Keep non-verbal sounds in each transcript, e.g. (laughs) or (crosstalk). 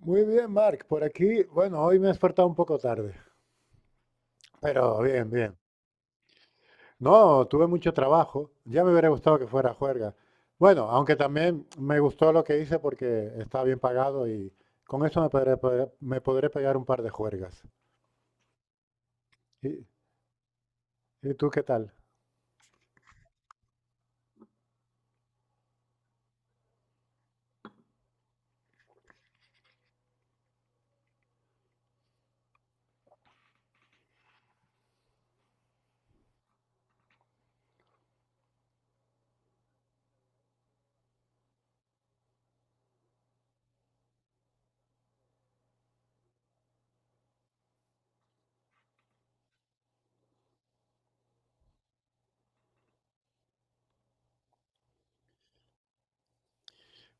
Muy bien, Mark. Por aquí, bueno, hoy me he despertado un poco tarde, pero bien, bien. No, tuve mucho trabajo. Ya me hubiera gustado que fuera juerga. Bueno, aunque también me gustó lo que hice porque está bien pagado y con eso me podré pegar un par de juergas. ¿Y, y tú qué tal?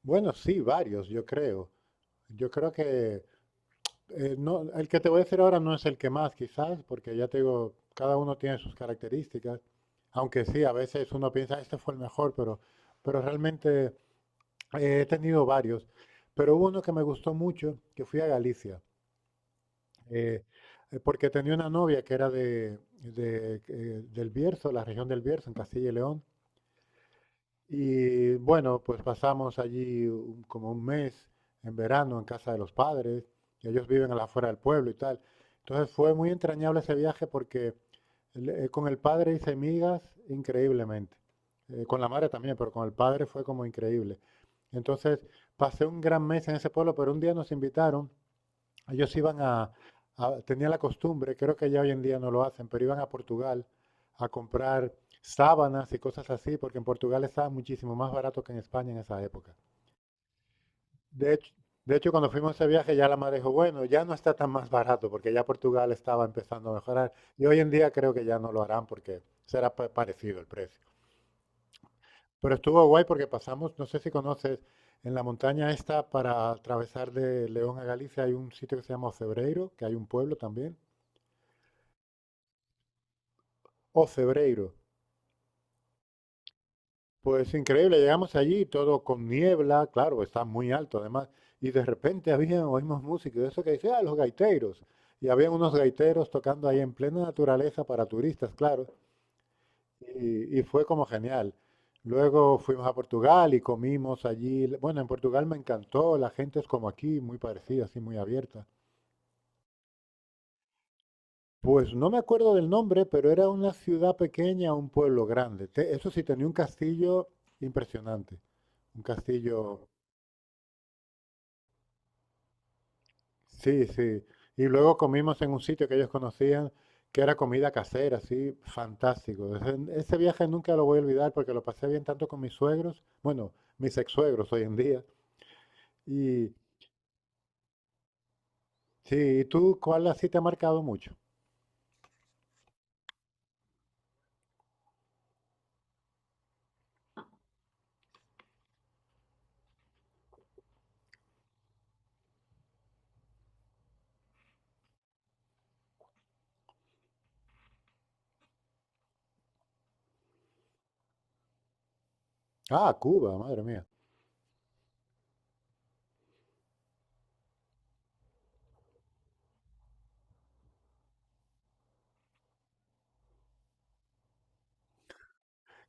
Bueno, sí, varios, yo creo. Yo creo que. No, el que te voy a decir ahora no es el que más, quizás, porque ya te digo, cada uno tiene sus características, aunque sí, a veces uno piensa, este fue el mejor, pero realmente he tenido varios. Pero hubo uno que me gustó mucho, que fui a Galicia, eh, porque tenía una novia que era del Bierzo, la región del Bierzo, en Castilla y León, y bueno, pues pasamos allí como un mes en verano en casa de los padres, y ellos viven a la afuera del pueblo y tal. Entonces fue muy entrañable ese viaje porque con el padre hice migas increíblemente. Con la madre también, pero con el padre fue como increíble. Entonces pasé un gran mes en ese pueblo, pero un día nos invitaron. Ellos iban tenían la costumbre, creo que ya hoy en día no lo hacen, pero iban a Portugal a comprar sábanas y cosas así, porque en Portugal estaba muchísimo más barato que en España en esa época. De hecho, cuando fuimos a ese viaje ya la madre dijo, bueno, ya no está tan más barato, porque ya Portugal estaba empezando a mejorar. Y hoy en día creo que ya no lo harán porque será parecido el precio. Pero estuvo guay porque pasamos, no sé si conoces, en la montaña esta para atravesar de León a Galicia hay un sitio que se llama Ocebreiro, que hay un pueblo también. O Cebreiro. Pues increíble, llegamos allí, todo con niebla, claro, está muy alto además, y de repente había, oímos música, y eso que dice, ah, los gaiteros. Y había unos gaiteros tocando ahí en plena naturaleza para turistas, claro, y fue como genial. Luego fuimos a Portugal y comimos allí. Bueno, en Portugal me encantó, la gente es como aquí, muy parecida, así muy abierta. Pues no me acuerdo del nombre, pero era una ciudad pequeña, un pueblo grande. Eso sí, tenía un castillo impresionante. Un castillo, sí, sí. Y luego comimos en un sitio que ellos conocían, que era comida casera, así, fantástico. Ese viaje nunca lo voy a olvidar porque lo pasé bien tanto con mis suegros, bueno, mis ex-suegros hoy en día. Y sí, ¿y tú cuál así te ha marcado mucho? Ah, Cuba, madre mía.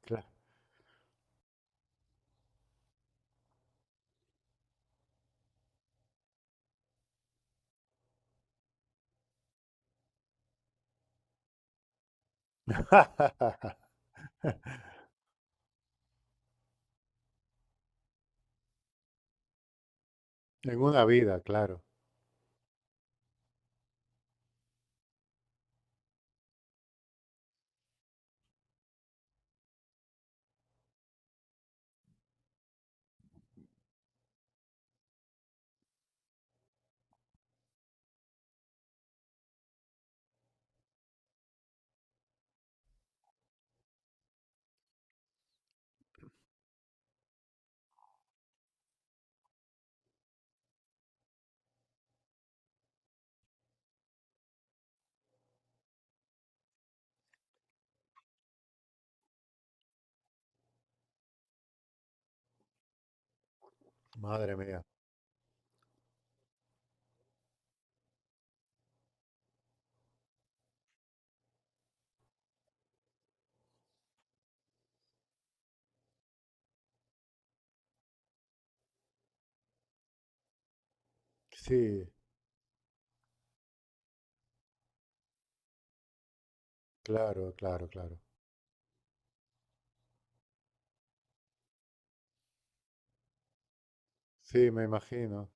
Claro. (laughs) En una vida, claro. Madre mía. Sí. Claro, claro, claro. Sí, me imagino.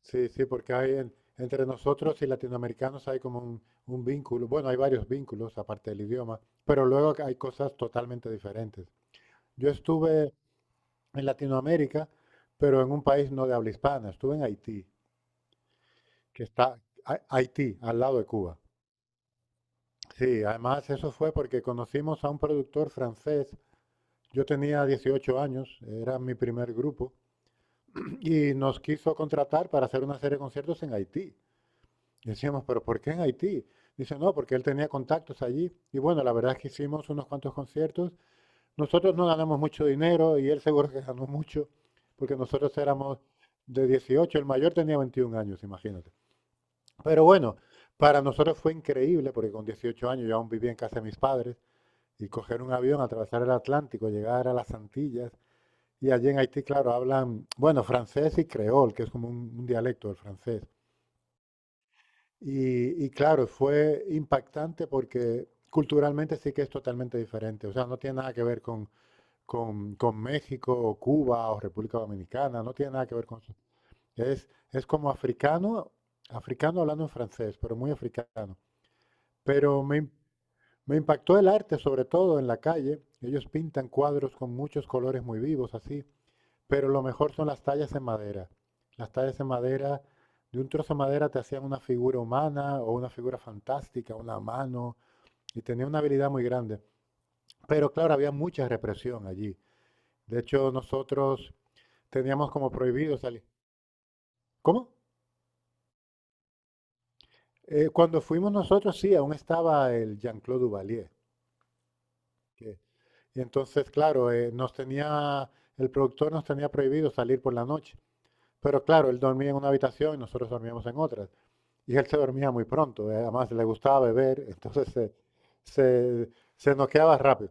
Sí, sí, porque hay entre nosotros y latinoamericanos hay como un vínculo. Bueno, hay varios vínculos aparte del idioma, pero luego hay cosas totalmente diferentes. Yo estuve en Latinoamérica, pero en un país no de habla hispana. Estuve en Haití, que está Haití, al lado de Cuba. Sí, además eso fue porque conocimos a un productor francés. Yo tenía 18 años, era mi primer grupo, (clears throat) y nos quiso contratar para hacer una serie de conciertos en Haití. Decíamos, pero ¿por qué en Haití? Dice, no, porque él tenía contactos allí. Y bueno, la verdad es que hicimos unos cuantos conciertos. Nosotros no ganamos mucho dinero y él seguro que ganó mucho, porque nosotros éramos de 18, el mayor tenía 21 años, imagínate. Pero bueno, para nosotros fue increíble, porque con 18 años yo aún vivía en casa de mis padres, y coger un avión, atravesar el Atlántico, llegar a las Antillas, y allí en Haití, claro, hablan, bueno, francés y creol, que es como un dialecto del francés. Y claro, fue impactante porque culturalmente sí que es totalmente diferente. O sea, no tiene nada que ver con México o Cuba o República Dominicana, no tiene nada que ver con eso. Es como africano, africano hablando en francés, pero muy africano. Pero me impactó el arte, sobre todo en la calle. Ellos pintan cuadros con muchos colores muy vivos, así. Pero lo mejor son las tallas en madera. Las tallas en madera, de un trozo de madera te hacían una figura humana o una figura fantástica, una mano, y tenía una habilidad muy grande. Pero claro, había mucha represión allí. De hecho, nosotros teníamos como prohibido salir. ¿Cómo? Cuando fuimos nosotros, sí, aún estaba el Jean-Claude Duvalier. que- y entonces, claro, el productor nos tenía prohibido salir por la noche. Pero claro, él dormía en una habitación y nosotros dormíamos en otra. Y él se dormía muy pronto, además le gustaba beber, (laughs) entonces se, se noqueaba rápido.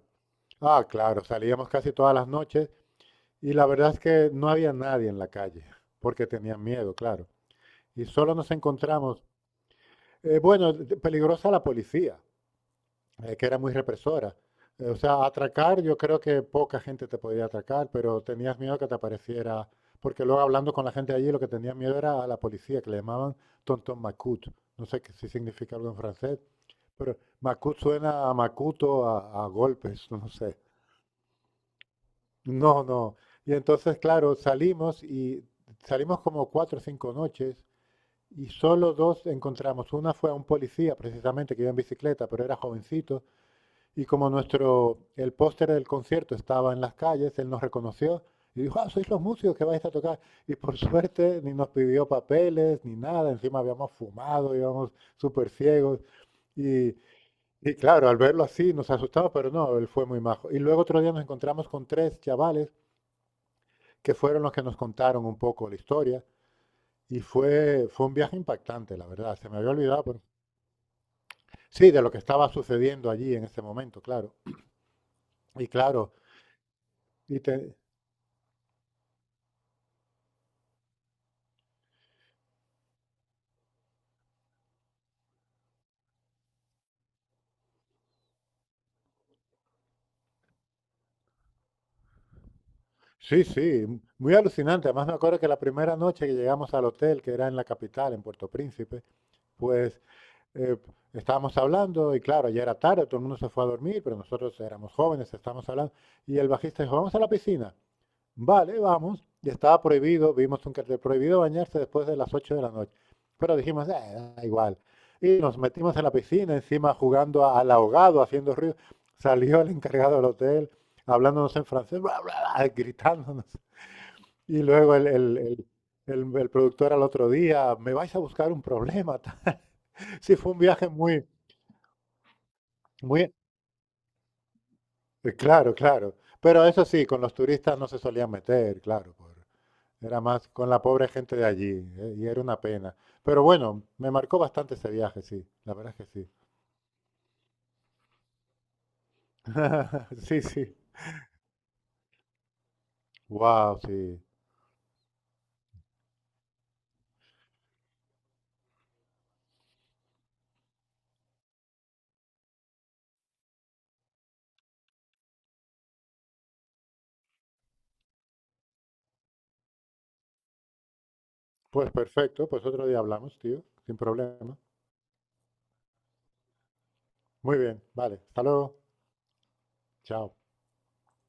Ah, claro, salíamos casi todas las noches y la verdad es que no había nadie en la calle, porque tenían miedo, claro. Y solo nos encontramos, bueno, peligrosa la policía, que era muy represora. O sea, atracar, yo creo que poca gente te podía atracar, pero tenías miedo que te apareciera, porque luego hablando con la gente allí, lo que tenías miedo era a la policía, que le llamaban Tonton Macut. No sé si significa algo en francés, pero Macut suena a Macuto, a golpes, (laughs) no sé. No, no. Y entonces, claro, salimos y salimos como cuatro o cinco noches y solo dos encontramos. Una fue a un policía, precisamente, que iba en bicicleta, pero era jovencito. Y como nuestro, el póster del concierto estaba en las calles, él nos reconoció y dijo, ah, sois los músicos que vais a tocar. Y por suerte ni nos pidió papeles ni nada, encima habíamos fumado, íbamos súper ciegos. Y, y claro, al verlo así nos asustamos, pero no, él fue muy majo. Y luego otro día nos encontramos con tres chavales que fueron los que nos contaron un poco la historia. Y fue un viaje impactante, la verdad. Se me había olvidado, pero sí, de lo que estaba sucediendo allí en ese momento, claro. Y claro, y te- sí, sí, muy alucinante. Además me acuerdo que la primera noche que llegamos al hotel, que era en la capital, en Puerto Príncipe, pues eh, estábamos hablando y claro, ya era tarde, todo el mundo se fue a dormir, pero nosotros éramos jóvenes, estábamos hablando. Y el bajista dijo, vamos a la piscina. Vale, vamos. Y estaba prohibido, vimos un cartel prohibido bañarse después de las 8 de la noche. Pero dijimos, Da igual". Y nos metimos en la piscina, encima jugando al ahogado, haciendo ruido. Salió el encargado del hotel, hablándonos en francés, (laughs) gritándonos. Y luego el productor al otro día, me vais a buscar un problema, tal. (laughs) Sí, fue un viaje muy, muy. Claro, claro. Pero eso sí, con los turistas no se solían meter, claro. Era más con la pobre gente de allí, y era una pena. Pero bueno, me marcó bastante ese viaje, sí. La verdad es que sí. (laughs) Sí, sí. Wow, sí. Pues perfecto, pues otro día hablamos, tío, sin problema. Muy bien, vale. Hasta luego. Chao.